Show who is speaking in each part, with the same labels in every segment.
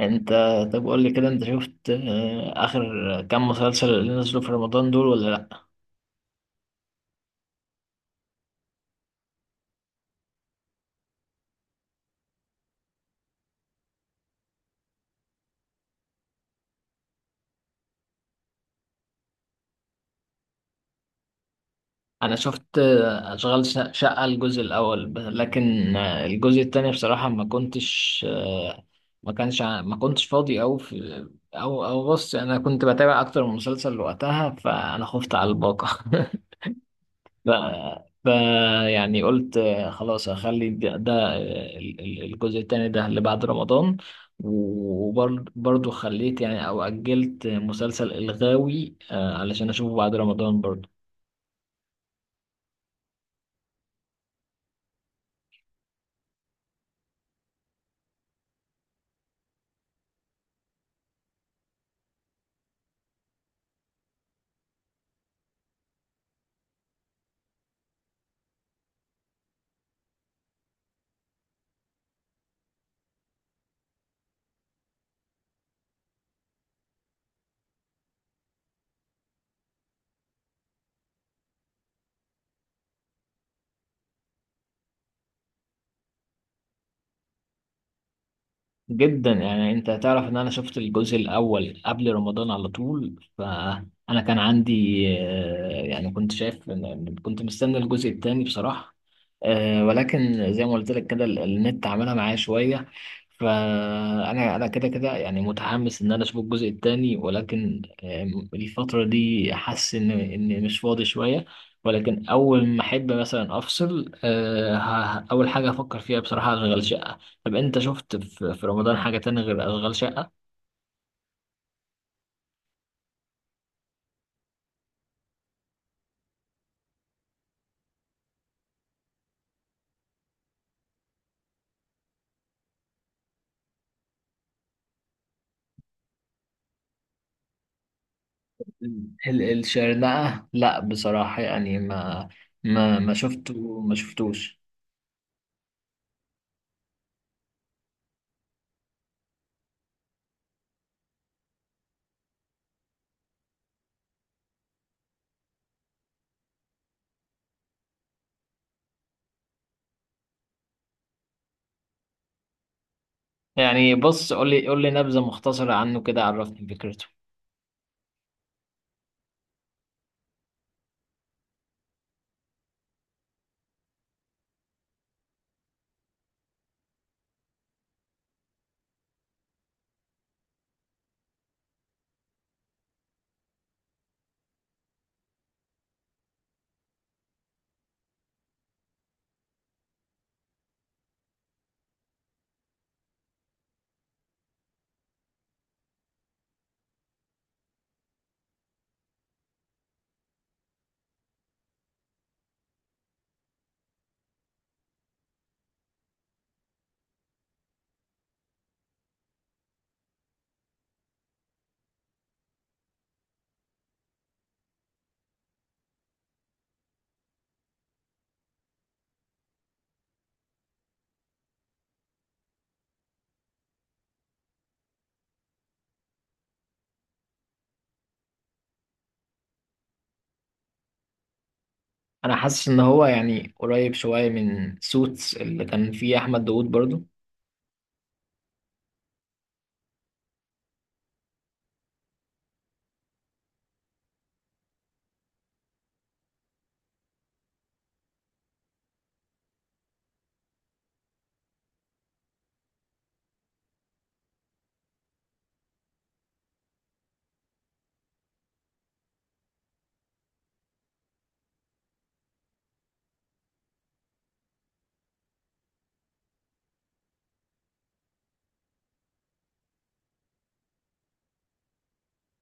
Speaker 1: انت طب قول لي كده، انت شفت اخر كام مسلسل اللي نزلوا في رمضان دول ولا لا؟ انا شفت اشغال شقة الجزء الاول، لكن الجزء التاني بصراحة ما كنتش آه، ما كانش ع- ما كنتش فاضي او في، او او بص انا كنت بتابع اكتر من مسلسل وقتها، فانا خفت على الباقة ف... ف يعني قلت خلاص هخلي ده، الجزء التاني ده اللي بعد رمضان، وبرضه خليت يعني او اجلت مسلسل الغاوي علشان اشوفه بعد رمضان برضه. جدا. يعني انت تعرف ان انا شفت الجزء الاول قبل رمضان على طول، فانا كان عندي يعني كنت شايف كنت مستني الجزء الثاني بصراحة، ولكن زي ما قلت لك كده النت عملها معايا شوية. فانا كده كده يعني متحمس ان انا اشوف الجزء الثاني، ولكن الفترة دي حاسس ان مش فاضي شوية، ولكن اول ما احب مثلا افصل، اول حاجة افكر فيها بصراحة اشغل شقة. طب انت شفت في رمضان حاجة تانية غير اشغال شقة؟ الشرنقة لا بصراحة، يعني ما شفتوش. يعني بص، قول لي نبذة مختصرة عنه كده، عرفني فكرته. انا حاسس ان هو يعني قريب شوية من سوتس اللي كان فيه احمد داوود برضو.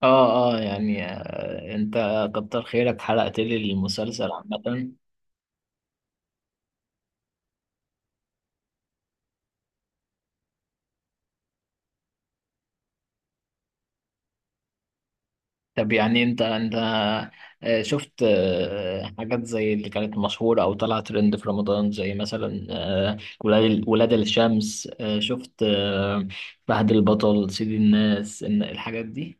Speaker 1: اه، اه، يعني انت، كتر خيرك حرقت لي المسلسل عامة. طب يعني انت شفت حاجات زي اللي كانت مشهورة او طلعت ترند في رمضان، زي مثلا ولاد الشمس، شفت فهد البطل، سيد الناس، ان الحاجات دي؟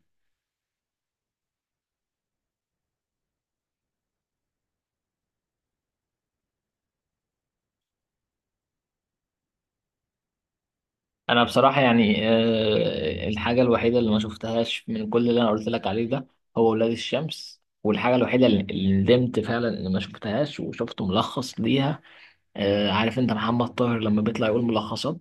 Speaker 1: انا بصراحة يعني الحاجة الوحيدة اللي ما شفتهاش من كل اللي انا قلت لك عليه ده هو ولاد الشمس، والحاجة الوحيدة اللي ندمت فعلا ان ما شفتهاش وشفت ملخص ليها. عارف انت محمد طاهر لما بيطلع يقول ملخصات؟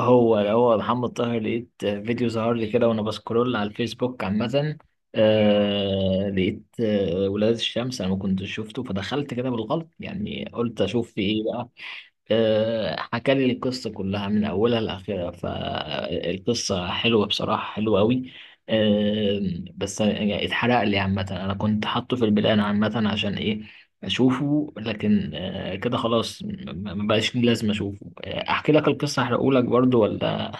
Speaker 1: هو محمد طاهر، لقيت فيديو ظهر لي كده وانا بسكرول على الفيسبوك عامة، لقيت ولاد الشمس، انا ما كنتش شفته فدخلت كده بالغلط يعني، قلت اشوف في ايه بقى. حكى لي القصة كلها من أولها لآخرها، فالقصة حلوة بصراحة، حلوة أوي. آه، بس يعني اتحرق لي عامة، أنا كنت حاطه في البلان عامة عشان إيه أشوفه، لكن كده خلاص مبقاش لي لازم أشوفه. أحكي لك القصة أحرقهولك برضو ولا؟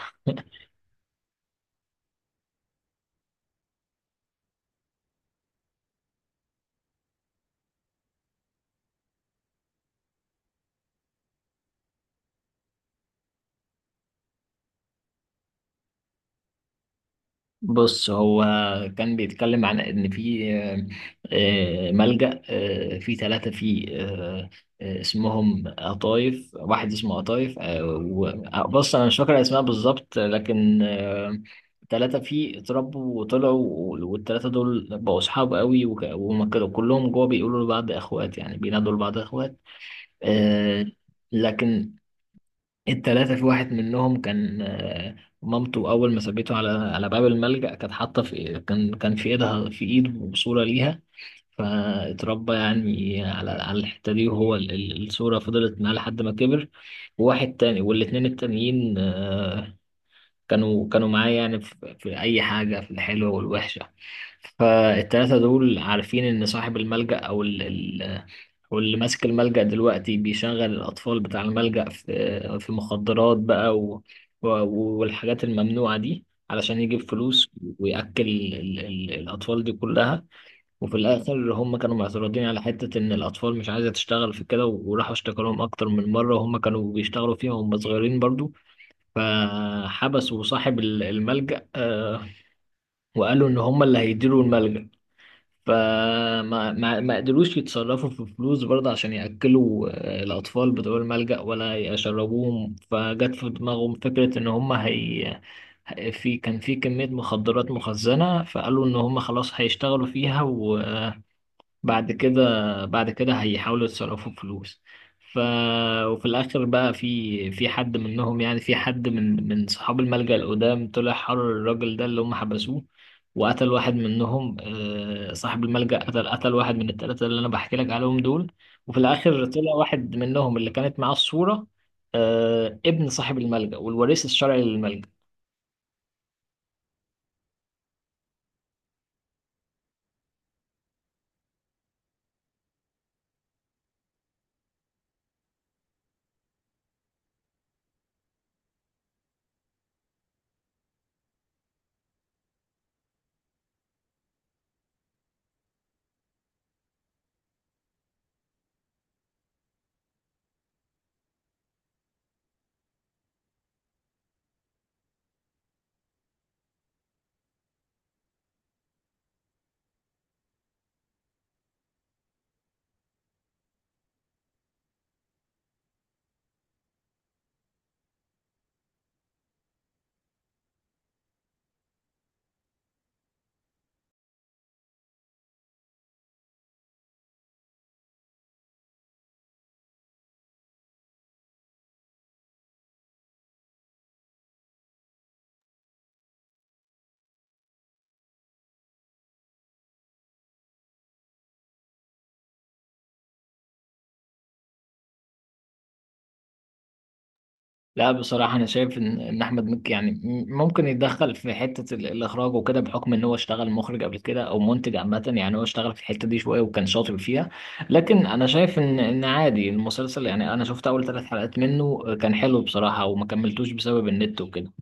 Speaker 1: بص، هو كان بيتكلم عن ان في ملجأ، في ثلاثة، في آه، آه، اسمهم قطايف، واحد اسمه قطايف، بص انا مش فاكر اسماء بالظبط، لكن ثلاثة فيه اتربوا وطلعوا. والثلاثة دول بقوا أصحاب قوي، وهم كده كلهم جوه بيقولوا لبعض إخوات يعني، بينادوا لبعض إخوات. آه، لكن التلاتة، في واحد منهم كان مامته أول ما سابته على على باب الملجأ كانت حاطة، في كان كان في إيدها في إيده صورة ليها، فاتربى يعني على الحتة دي، وهو الصورة فضلت معاه لحد ما كبر. وواحد تاني والاتنين التانيين كانوا معاه يعني في أي حاجة، في الحلوة والوحشة. فالتلاتة دول عارفين إن صاحب الملجأ واللي ماسك الملجأ دلوقتي بيشغل الأطفال بتاع الملجأ في مخدرات بقى، و... والحاجات الممنوعة دي علشان يجيب فلوس، ويأكل الأطفال دي كلها. وفي الآخر، هم كانوا معترضين على حتة إن الأطفال مش عايزة تشتغل في كده، وراحوا اشتكوا لهم أكتر من مرة، وهم كانوا بيشتغلوا فيها وهم صغيرين برضو، فحبسوا صاحب الملجأ، وقالوا إن هم اللي هيديروا الملجأ. فما ما ما قدروش يتصرفوا في فلوس برضه عشان يأكلوا الأطفال بتوع الملجأ ولا يشربوهم، فجت في دماغهم فكرة إن هم في، كان كمية مخدرات مخزنة، فقالوا إن هم خلاص هيشتغلوا فيها، بعد كده هيحاولوا يتصرفوا فلوس. ف وفي الاخر بقى، في حد منهم يعني، في حد من صحاب الملجأ القدام طلع حرر الراجل ده اللي هم حبسوه، وقتل واحد منهم. صاحب الملجأ قتل واحد من الثلاثة اللي انا بحكي لك عليهم دول. وفي الاخر طلع واحد منهم اللي كانت معاه الصورة، ابن صاحب الملجأ والوريث الشرعي للملجأ. لا بصراحة، أنا شايف إن أحمد مكي يعني ممكن يتدخل في حتة الإخراج وكده، بحكم إن هو اشتغل مخرج قبل كده أو منتج عامة، يعني هو اشتغل في الحتة دي شوية وكان شاطر فيها. لكن أنا شايف إن عادي المسلسل، يعني أنا شفت أول ثلاث حلقات منه كان حلو بصراحة، وما كملتوش بسبب النت وكده.